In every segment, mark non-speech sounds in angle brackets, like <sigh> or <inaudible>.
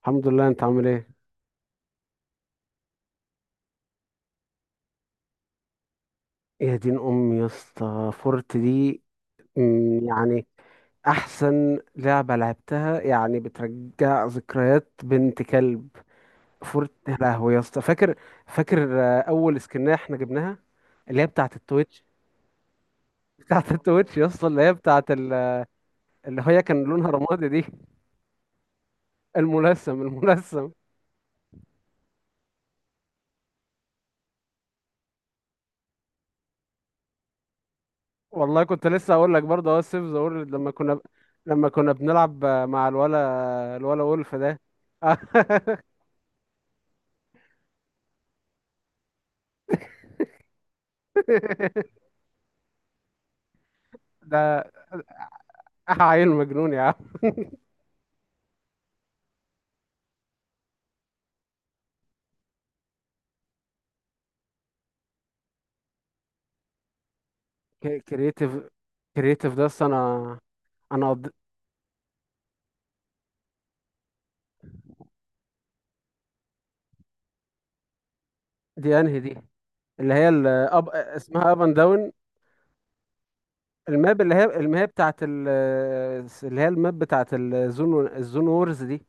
الحمد لله. انت عامل ايه؟ يا دين امي يا اسطى فورت دي. يعني احسن لعبه لعبتها، يعني بترجع ذكريات بنت كلب. فورت يا لهوي يا اسطى، فاكر اول سكنه احنا جبناها، اللي هي بتاعه التويتش. <laughs> بتاعه التويتش يا اسطى، اللي هي كان لونها رمادي دي. الملثم الملثم. والله كنت لسه اقول لك برضه اهو السيف ذا وورلد لما كنا بنلعب مع الولا وولف ده. <laughs> ده <laughs> عيل مجنون يا عم. كرييتيف، ده أصل انا، انا قض- دي انهي دي؟ اسمها اب اند داون. الماب اللي هي اللي هي الماب بتاعت الزون وورز دي.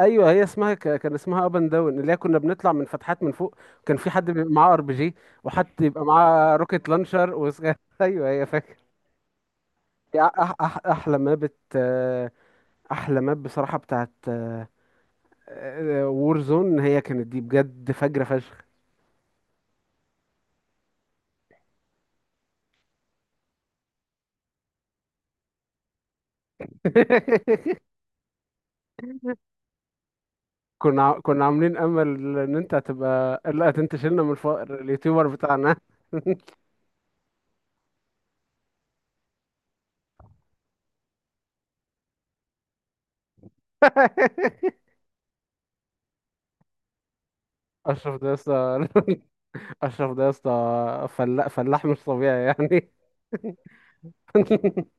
ايوه، هي اسمها، كان اسمها اب اند داون، اللي هي كنا بنطلع من فتحات من فوق. كان في حد بيبقى معاه ار بي جي، وحد يبقى معاه روكيت لانشر <laughs> ايوه، هي فاكر. دي أح... أح... احلى ماب بت... احلى ماب بصراحة بتاعت وور زون. هي كانت دي بجد فجرة فشخ. <laughs> كنا عاملين امل ان انت هتبقى، لا ده انت شلنا من الفقر، اليوتيوبر بتاعنا. <laughs> اشرف ده يا اسطى. <laughs> اشرف ده يا اسطى فلاح، فلاح مش طبيعي يعني. <laughs>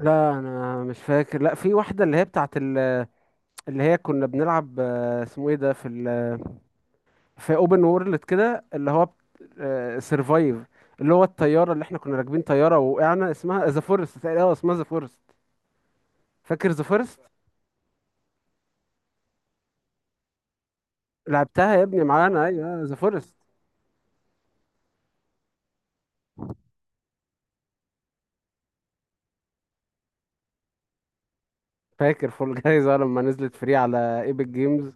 لا انا مش فاكر. لا، في واحدة اللي هي بتاعت ال- اللي هي كنا بنلعب، اسمه ايه ده؟ في اوبن وورلد كده، اللي هو سرفايف، اللي هو الطياره اللي احنا كنا راكبين طياره وقعنا، اسمها ذا فورست تقريبا. اه اسمها ذا فورست، فاكر ذا فورست؟ لعبتها يا ابني معانا، ايوه ذا فورست. فاكر فول جايزه لما نزلت فري على ايبك جيمز؟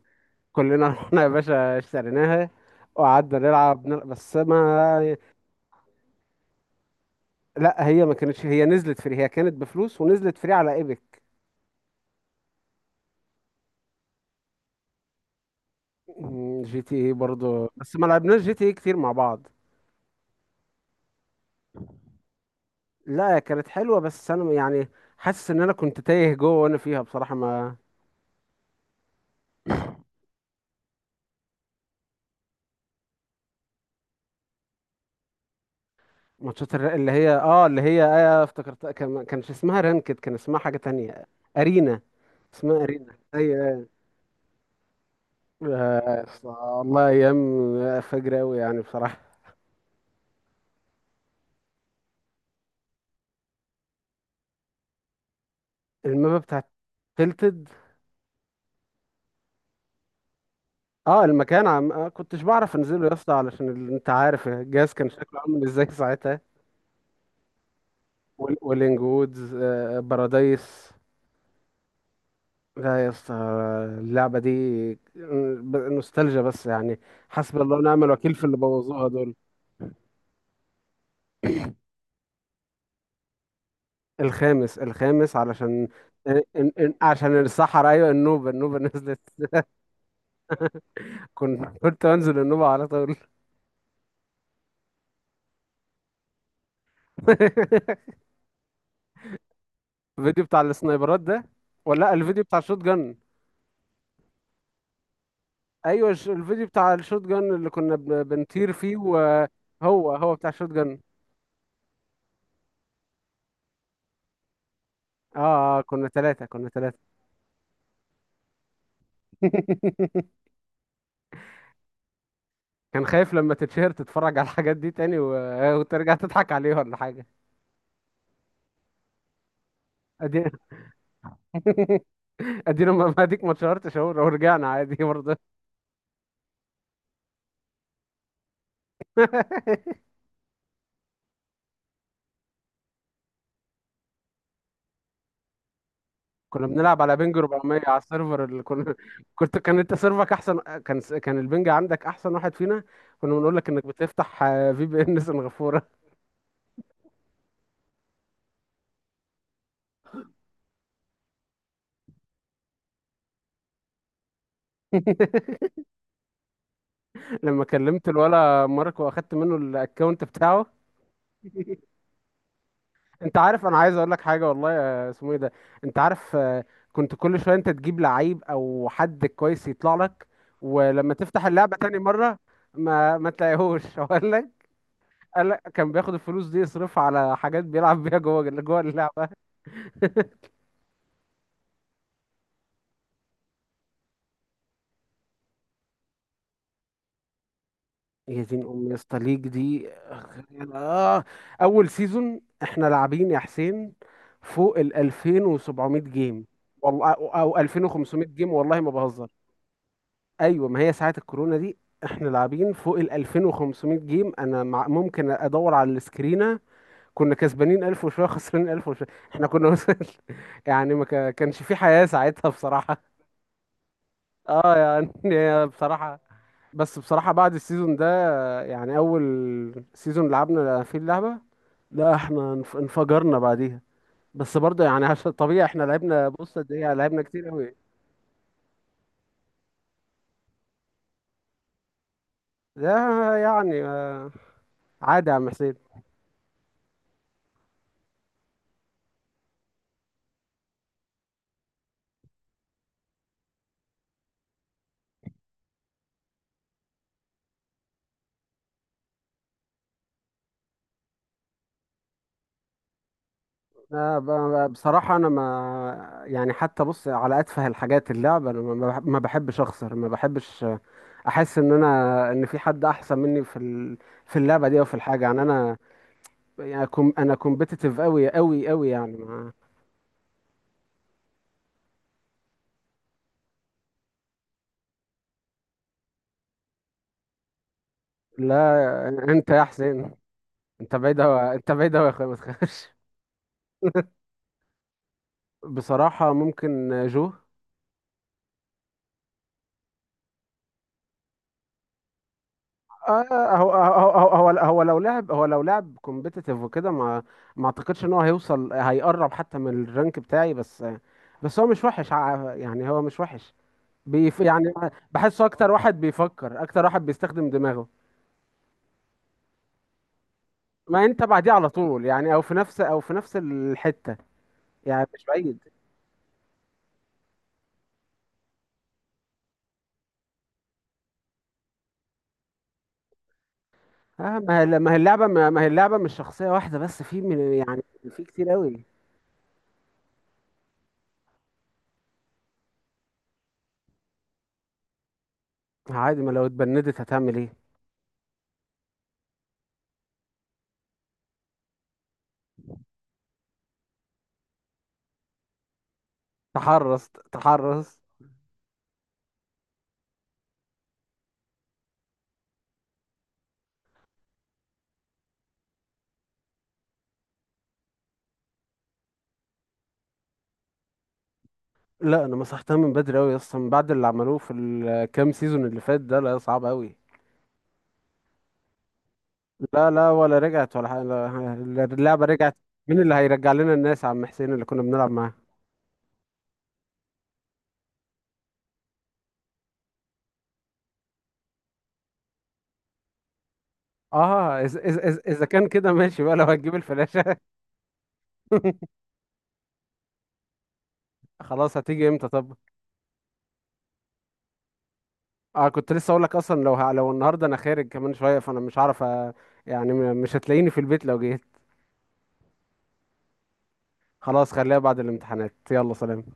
كلنا <laughs> رحنا يا باشا اشتريناها، وقعدنا نلعب بس ما... لا هي ما كانتش، هي نزلت فري، هي كانت بفلوس ونزلت فري على ايبك. جي تي اي برضه، بس ما لعبناش جي تي اي كتير مع بعض. لا كانت حلوه بس انا يعني حاسس ان انا كنت تايه جوه وانا فيها بصراحه، ما... اللي هي، اه اللي هي آه افتكرتها، كان ما كانش اسمها رانكد، كان اسمها حاجه تانية. ارينا، اسمها ارينا، اي. آه والله ايام فجر قوي يعني بصراحه. المابا بتاعت تلتد. اه المكان، عم... آه كنتش بعرف انزله يا اسطى، علشان انت عارف الجهاز كان شكله عامل ازاي ساعتها. وال- ولينج وودز، بارادايس. لا يا اسطى، اللعبة دي نوستالجيا بس يعني. حسبي الله ونعم الوكيل في اللي بوظوها دول. الخامس الخامس، علشان عشان الصحراء. ايوه النوبة النوبة <laughs> نزلت. كنت انزل النوبة على طول. <laughs> الفيديو بتاع السنايبرات ده؟ ولا لا، الفيديو بتاع الشوت جن. ايوه، الفيديو بتاع الشوت جن اللي كنا بنطير فيه، وهو بتاع الشوت جن. اه كنا ثلاثة، كنا ثلاثة. <laughs> كان خايف لما تتشهر تتفرج على الحاجات دي تاني و... آه، وترجع تضحك عليه ولا حاجة. ادي. <laughs> ادينا، ما اديك ما اتشهرتش اهو، لو رجعنا عادي برضه. <laughs> كنا بنلعب على بنج 400 على السيرفر اللي كنا، <laughs> كنت، كان انت سيرفرك احسن، كان كان البنج عندك احسن واحد فينا. كنا بنقول لك انك بتفتح <laughs> في بي ان سنغافورة. <laughs> لما كلمت الولا ماركو واخدت منه الاكونت بتاعه. <laughs> انت عارف انا عايز اقول لك حاجه، والله يا اسمه ايه ده، انت عارف، كنت كل شويه انت تجيب لعيب او حد كويس يطلع لك، ولما تفتح اللعبه تاني مره ما تلاقيهوش. <laughs> اقول لك، قال لك كان بياخد الفلوس دي يصرفها على حاجات بيلعب بيها جوه اللعبه. يا دين ام يا اسطى ليج دي. آه. اول سيزون احنا لاعبين يا حسين فوق ال 2700 جيم والله. او أو 2500 جيم، والله ما بهزر. ايوه ما هي ساعه الكورونا دي. احنا لاعبين فوق ال 2500 جيم، انا مع ممكن ادور على السكرينه. كنا كسبانين 1000 وشويه، خسرانين 1000 وشويه. احنا كنا وصل. <laughs> يعني ما كا- كانش في حياه ساعتها بصراحه. اه يعني <laughs> هي بصراحه. بس بصراحه بعد السيزون ده، يعني اول سيزون لعبنا فيه اللعبه، لا احنا انفجرنا بعديها. بس برضه يعني عشان طبيعي احنا لعبنا، بص قد ايه يعني لعبنا كتير قوي. ده يعني عادي يا عم حسين. لا، بصراحة أنا، ما، يعني حتى بص على أتفه الحاجات، اللعبة أنا ما بحبش أخسر، ما بحبش أحس إن أنا، إن في حد أحسن مني في في اللعبة دي أو في الحاجة، يعني أنا، يعني أنا كومبيتيتيف أوي أوي أوي يعني، ما... لا أنت يا حسين، أنت بعيد أوي، أنت بعيد أوي يا أخويا، ما تخافش. <laughs> بصراحة ممكن جو. آه هو هو هو لو لعب، لو لعب كومبيتيتيف وكده، ما اعتقدش ان هو هيوصل هيقرب حتى من الرانك بتاعي. بس بس هو مش وحش، يعني هو مش وحش. بيف يعني، بحسه اكتر واحد بيفكر، اكتر واحد بيستخدم دماغه. ما انت بعديه على طول يعني، او في نفس الحتة، يعني مش بعيد. آه ما هي اللعبة، ما هي اللعبة مش شخصية واحدة بس، في من يعني، في كتير قوي. عادي، ما لو اتبندت هتعمل ايه؟ تحرص تحرص. لا انا مسحتها من بدري قوي اصلا، من بعد اللي عملوه في الكام سيزون اللي فات ده. لا صعب قوي. لا لا، ولا رجعت ولا حاجة، اللعبة رجعت؟ مين اللي هيرجع لنا الناس يا عم حسين اللي كنا بنلعب معاه؟ اه، اذا إز إز اذا كان كده ماشي بقى لو هتجيب الفلاشة. <laughs> خلاص، هتيجي امتى طب؟ اه، كنت لسه اقول لك اصلا، لو لو النهارده انا خارج كمان شوية، فانا مش عارف مش هتلاقيني في البيت لو جيت. خلاص، خليها بعد الامتحانات. يلا سلام.